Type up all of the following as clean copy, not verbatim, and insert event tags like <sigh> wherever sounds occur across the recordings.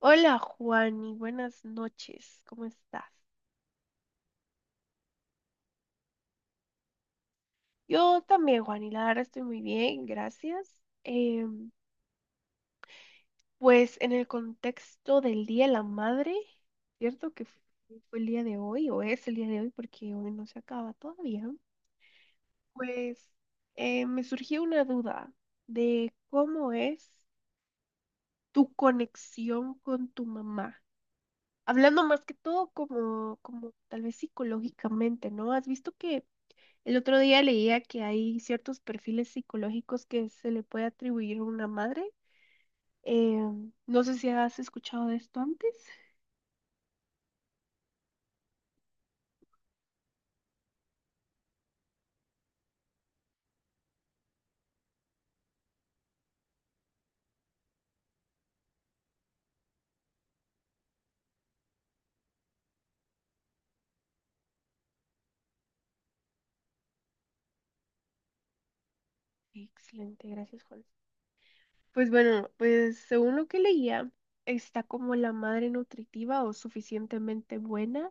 Hola Juani, buenas noches, ¿cómo estás? Yo también, Juani, la verdad estoy muy bien, gracias. Pues en el contexto del Día de la Madre, ¿cierto? Que fue el día de hoy o es el día de hoy porque hoy no se acaba todavía. Pues me surgió una duda de cómo es tu conexión con tu mamá. Hablando más que todo como tal vez psicológicamente, ¿no? ¿Has visto que... El otro día leía que hay ciertos perfiles psicológicos que se le puede atribuir a una madre. Eh, no sé si has escuchado de esto antes. Excelente, gracias, Juan. Pues bueno, pues según lo que leía, está como la madre nutritiva o suficientemente buena,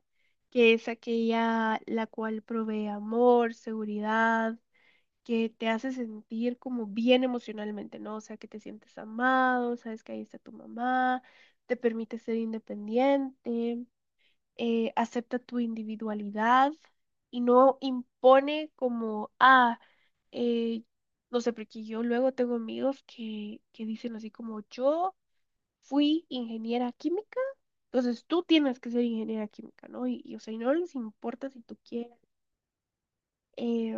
que es aquella la cual provee amor, seguridad, que te hace sentir como bien emocionalmente, ¿no? O sea, que te sientes amado, sabes que ahí está tu mamá, te permite ser independiente, acepta tu individualidad y no impone como, ah, eh, no sé, porque yo luego tengo amigos que dicen así como, yo fui ingeniera química. Entonces tú tienes que ser ingeniera química, ¿no? O sea, y no les importa si tú quieres eh,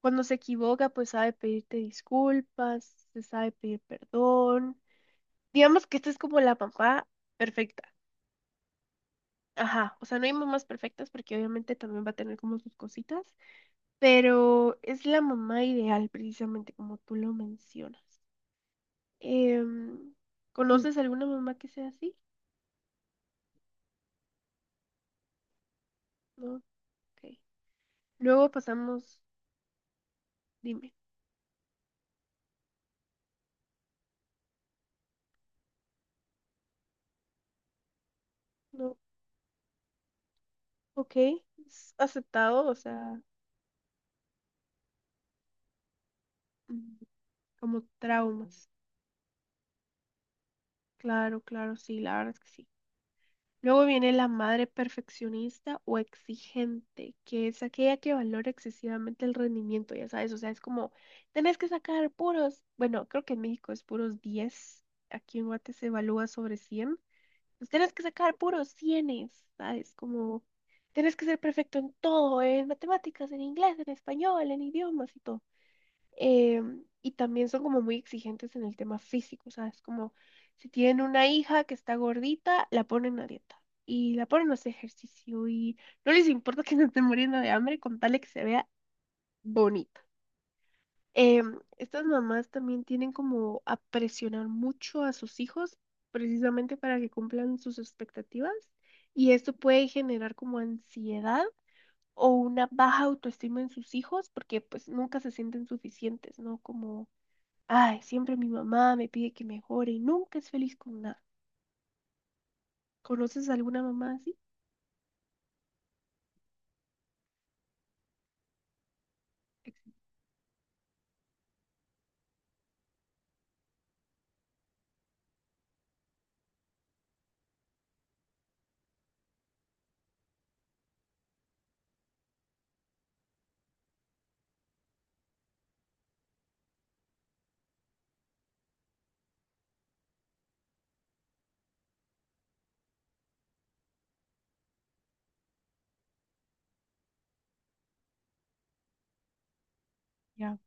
cuando se equivoca, pues sabe pedirte disculpas, se sabe pedir perdón. Digamos que esta es como la mamá perfecta. Ajá, o sea, no hay mamás perfectas porque obviamente también va a tener como sus cositas, pero es la mamá ideal precisamente como tú lo mencionas. Mm. ¿Conoces alguna mamá que sea así? No, ok. Luego pasamos, dime, no, ok, es aceptado, o sea, mm, como traumas. Claro, claro, sí, la verdad es que sí. Luego viene la madre perfeccionista o exigente, que es aquella que valora excesivamente el rendimiento, ya sabes, o sea, es como, tenés que sacar puros, bueno, creo que en México es puros diez, aquí en Guate se evalúa sobre cien, pues tenés que sacar puros cienes, ¿sabes? Como, tenés que ser perfecto en todo, en matemáticas, en inglés, en español, en idiomas y todo. Y también son como muy exigentes en el tema físico, o sea, es como si tienen una hija que está gordita, la ponen a dieta y la ponen a hacer ejercicio y no les importa que <laughs> se estén muriendo de hambre con tal de que se vea bonita. Estas mamás también tienen como a presionar mucho a sus hijos precisamente para que cumplan sus expectativas y esto puede generar como ansiedad o una baja autoestima en sus hijos porque pues nunca se sienten suficientes, ¿no? Como, ay, siempre mi mamá me pide que mejore y nunca es feliz con nada. ¿Conoces a alguna mamá así? Ya.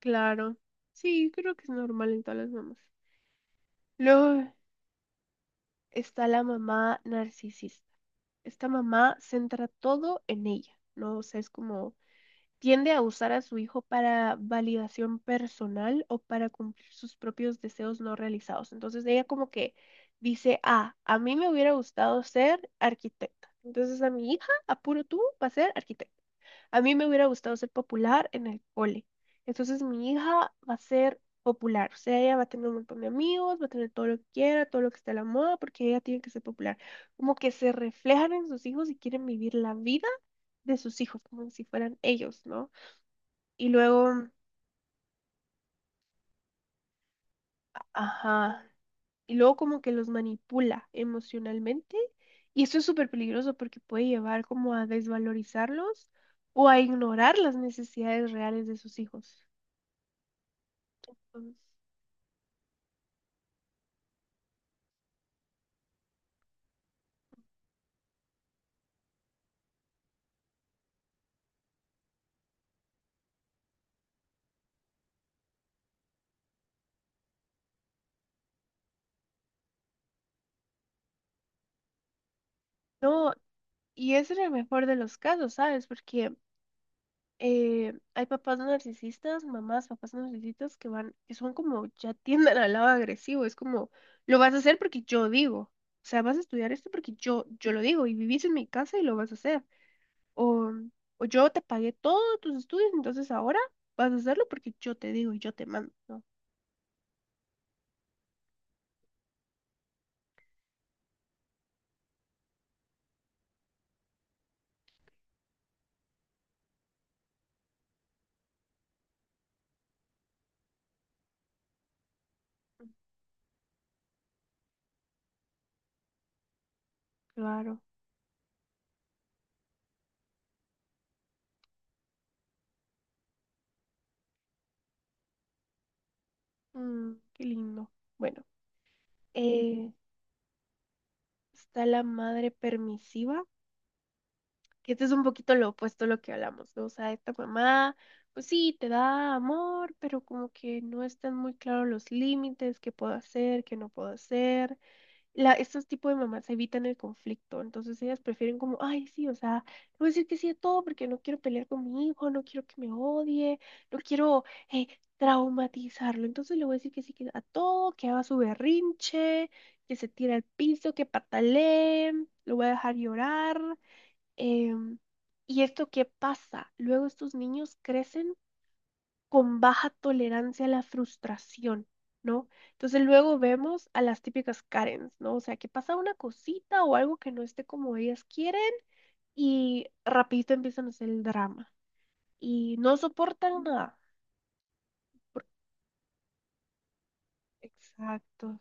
Claro. Sí, creo que es normal en todas las mamás. Luego está la mamá narcisista. Esta mamá centra todo en ella, ¿no? O sea, es como, tiende a usar a su hijo para validación personal o para cumplir sus propios deseos no realizados. Entonces ella como que dice, ah, a mí me hubiera gustado ser arquitecta. Entonces a mi hija, apuro tú, va a ser arquitecta. A mí me hubiera gustado ser popular en el cole. Entonces mi hija va a ser popular. O sea, ella va a tener un montón de amigos, va a tener todo lo que quiera, todo lo que está a la moda, porque ella tiene que ser popular. Como que se reflejan en sus hijos y quieren vivir la vida de sus hijos, como si fueran ellos, ¿no? Y luego, ajá, y luego como que los manipula emocionalmente. Y esto es súper peligroso porque puede llevar como a desvalorizarlos o a ignorar las necesidades reales de sus hijos. Entonces, no, y es en el mejor de los casos, ¿sabes? Porque hay papás narcisistas, mamás, papás narcisistas que van, que son como, ya tienden al lado agresivo, es como, lo vas a hacer porque yo digo, o sea, vas a estudiar esto porque yo lo digo y vivís en mi casa y lo vas a hacer. O, o yo te pagué todos tus estudios, entonces ahora vas a hacerlo porque yo te digo y yo te mando, ¿no? Mm. Claro. Mm, qué lindo. Bueno, eh, está la madre permisiva, que esto es un poquito lo opuesto a lo que hablamos, ¿no? O sea, esta mamá, pues sí, te da amor, pero como que no están muy claros los límites, qué puedo hacer, qué no puedo hacer. Estos tipos de mamás evitan el conflicto, entonces ellas prefieren como, ay, sí, o sea, no voy a decir que sí a todo porque no quiero pelear con mi hijo, no quiero que me odie, no quiero eh, traumatizarlo, entonces le voy a decir que sí que a todo, que haga su berrinche, que se tire al piso, que patalee, lo voy a dejar llorar. Em, ¿Y esto qué pasa? Luego estos niños crecen con baja tolerancia a la frustración, ¿no? Entonces luego vemos a las típicas Karens, ¿no? O sea, que pasa una cosita o algo que no esté como ellas quieren y rapidito empiezan a hacer el drama y no soportan nada. Exacto.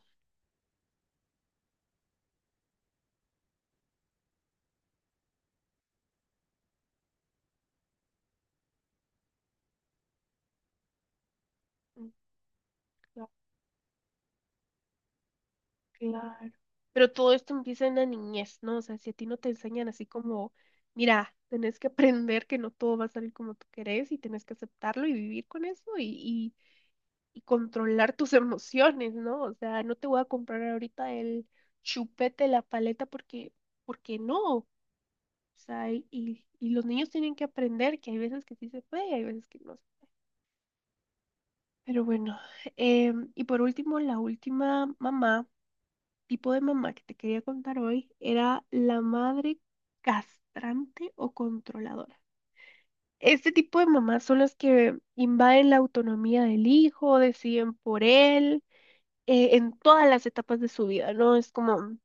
Claro. Pero todo esto empieza en la niñez, ¿no? O sea, si a ti no te enseñan así como, mira, tenés que aprender que no todo va a salir como tú querés y tenés que aceptarlo y vivir con eso y controlar tus <laughs> emociones, ¿no? O sea, no te voy a comprar ahorita el chupete, la paleta, porque, porque no. O sea, y los niños tienen que aprender que hay veces que sí se puede y hay veces que no. Pero bueno, y por último, la última mamá, tipo de mamá que te quería contar hoy, era la madre castrante o controladora. Este tipo de mamás son las que invaden la autonomía del hijo, deciden por él, en todas las etapas de su vida, ¿no? Es como,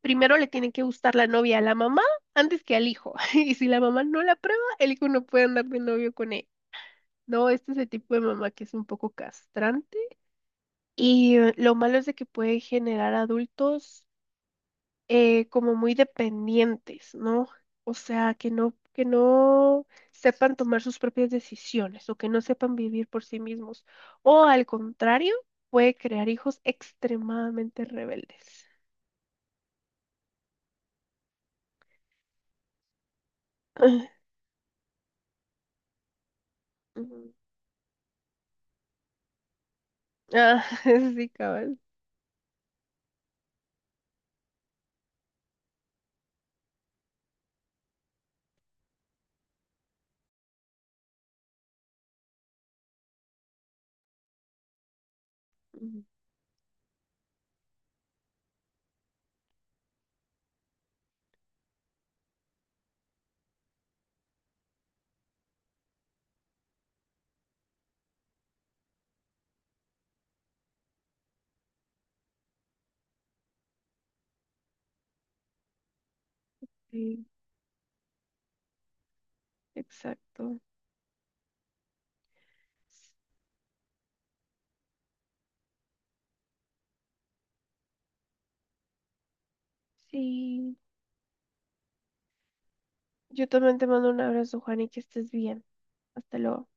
primero le tiene que gustar la novia a la mamá antes que al hijo. <laughs> Y si la mamá no la prueba, el hijo no puede andar de novio con él. No, este es el tipo de mamá que es un poco castrante. Y lo malo es de que puede generar adultos como muy dependientes, ¿no? O sea, que no sepan tomar sus propias decisiones o que no sepan vivir por sí mismos. O al contrario, puede crear hijos extremadamente rebeldes. <clears throat> Ah, ujú. Ah, <laughs> sí, cabal. Ujú. Sí, exacto. Sí, yo también te mando un abrazo, Juan, y que estés bien. Hasta luego.